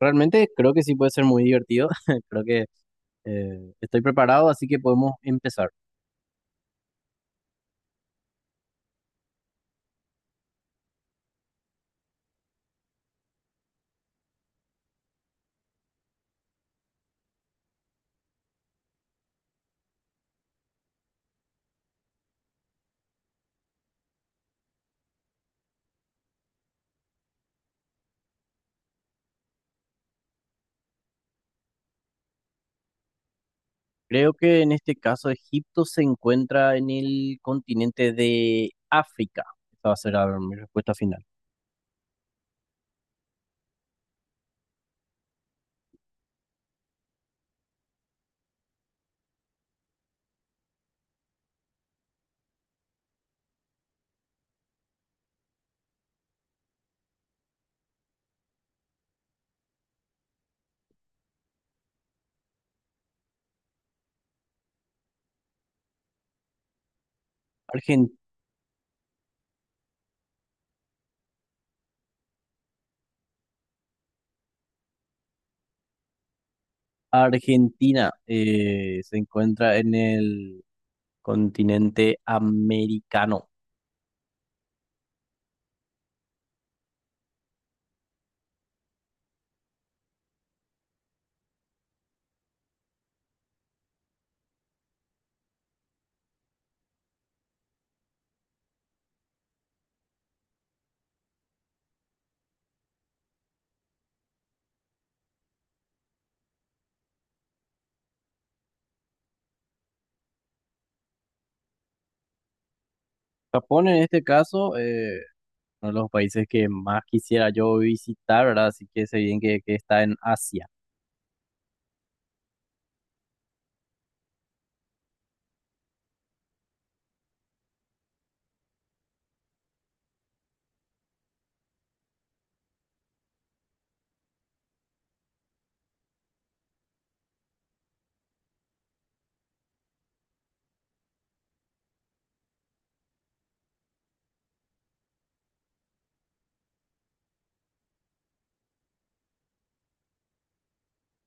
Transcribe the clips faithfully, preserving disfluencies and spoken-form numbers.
Realmente creo que sí puede ser muy divertido. Creo que eh, estoy preparado, así que podemos empezar. Creo que en este caso Egipto se encuentra en el continente de África. Esta va a ser ah, mi respuesta final. Argen- Argentina eh, se encuentra en el continente americano. Japón en este caso, eh, uno de los países que más quisiera yo visitar, ¿verdad? Así que sé bien que que está en Asia.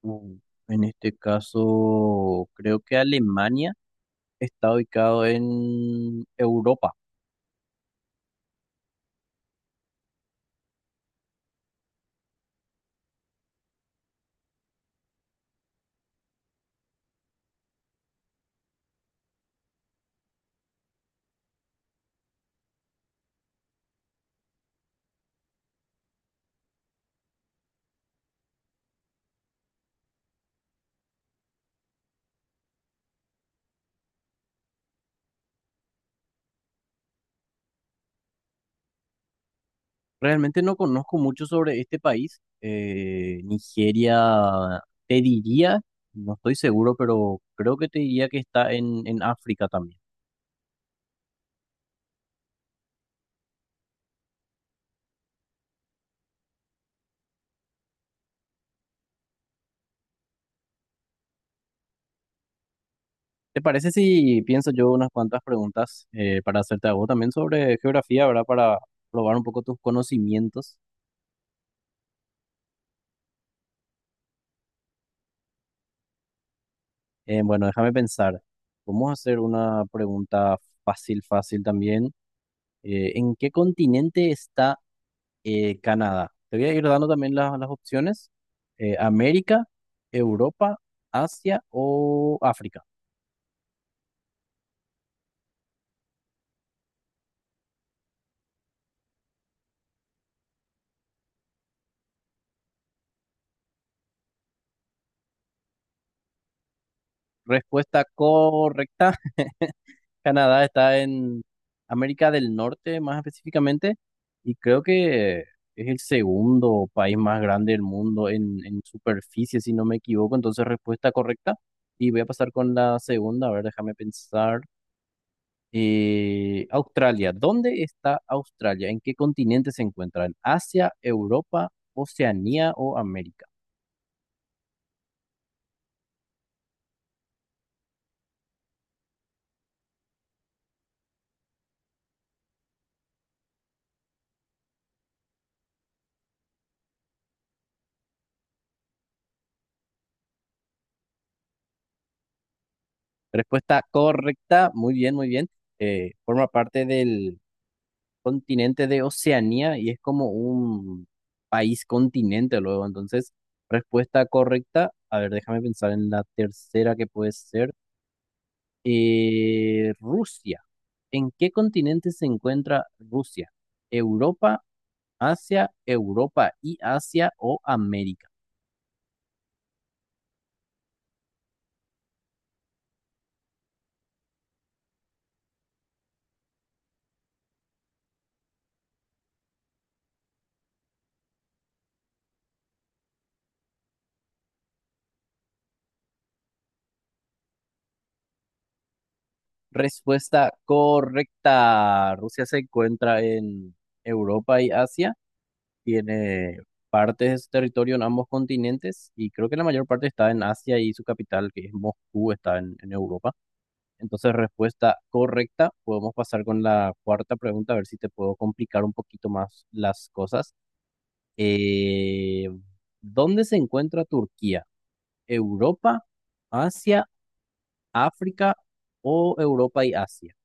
Mm, En este caso, creo que Alemania está ubicado en Europa. Realmente no conozco mucho sobre este país. Eh, Nigeria, te diría, no estoy seguro, pero creo que te diría que está en, en África también. ¿Te parece si pienso yo unas cuantas preguntas eh, para hacerte a vos también sobre geografía, ¿verdad? Para probar un poco tus conocimientos. Eh, bueno, déjame pensar. Vamos a hacer una pregunta fácil, fácil también. Eh, ¿en qué continente está eh, Canadá? Te voy a ir dando también la- las opciones. Eh, América, Europa, Asia o África. Respuesta correcta. Canadá está en América del Norte, más específicamente, y creo que es el segundo país más grande del mundo en, en superficie, si no me equivoco. Entonces, respuesta correcta. Y voy a pasar con la segunda. A ver, déjame pensar. Eh, Australia, ¿dónde está Australia? ¿En qué continente se encuentra? ¿En Asia, Europa, Oceanía o América? Respuesta correcta, muy bien, muy bien. Eh, forma parte del continente de Oceanía y es como un país continente luego. Entonces, respuesta correcta. A ver, déjame pensar en la tercera que puede ser. Eh, Rusia. ¿En qué continente se encuentra Rusia? ¿Europa? Asia, Europa y Asia o América. Respuesta correcta. Rusia se encuentra en Europa y Asia. Tiene partes de su territorio en ambos continentes y creo que la mayor parte está en Asia y su capital, que es Moscú, está en, en Europa. Entonces, respuesta correcta. Podemos pasar con la cuarta pregunta, a ver si te puedo complicar un poquito más las cosas. Eh, ¿dónde se encuentra Turquía? ¿Europa, Asia, África o Europa y Asia?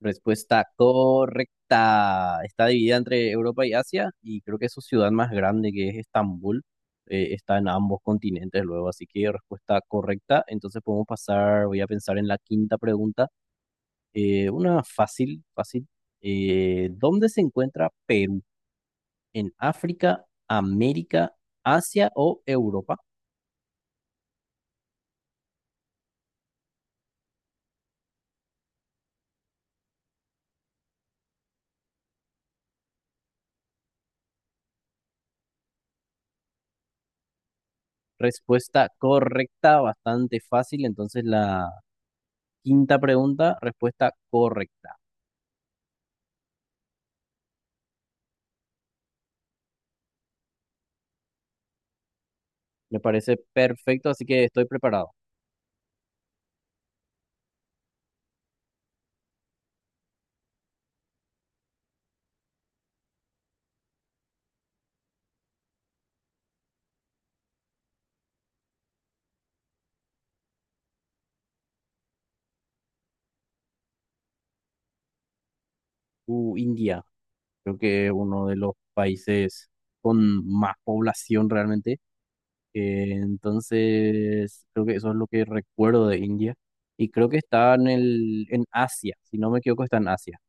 Respuesta correcta. Está dividida entre Europa y Asia y creo que su ciudad más grande, que es Estambul, eh, está en ambos continentes luego. Así que respuesta correcta. Entonces podemos pasar, voy a pensar en la quinta pregunta. Eh, una fácil, fácil. Eh, ¿dónde se encuentra Perú? ¿En África, América, Asia o Europa? Respuesta correcta, bastante fácil. Entonces la... Quinta pregunta, respuesta correcta. Me parece perfecto, así que estoy preparado. Uh, India, creo que es uno de los países con más población realmente. Eh, entonces, creo que eso es lo que recuerdo de India. Y creo que está en el, en Asia, si no me equivoco, está en Asia.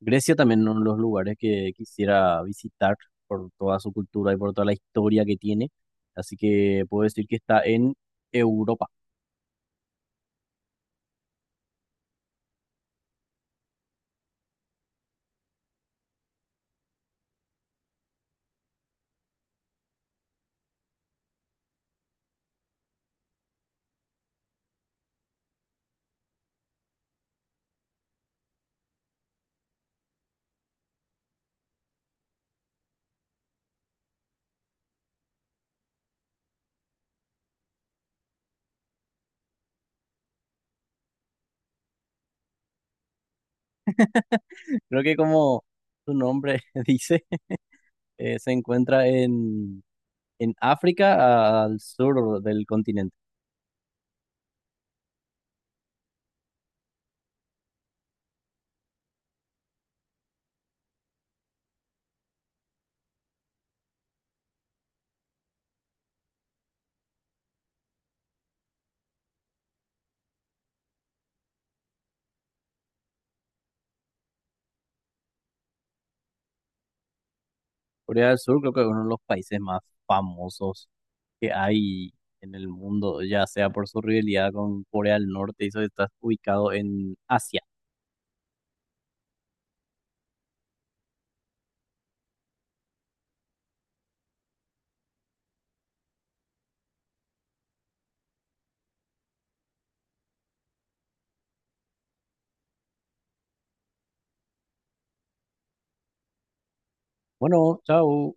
Grecia también uno de los lugares que quisiera visitar por toda su cultura y por toda la historia que tiene. Así que puedo decir que está en Europa. Creo que como su nombre dice, eh, se encuentra en, en África al sur del continente. Corea del Sur creo que es uno de los países más famosos que hay en el mundo, ya sea por su rivalidad con Corea del Norte y eso está ubicado en Asia. Bueno, chao.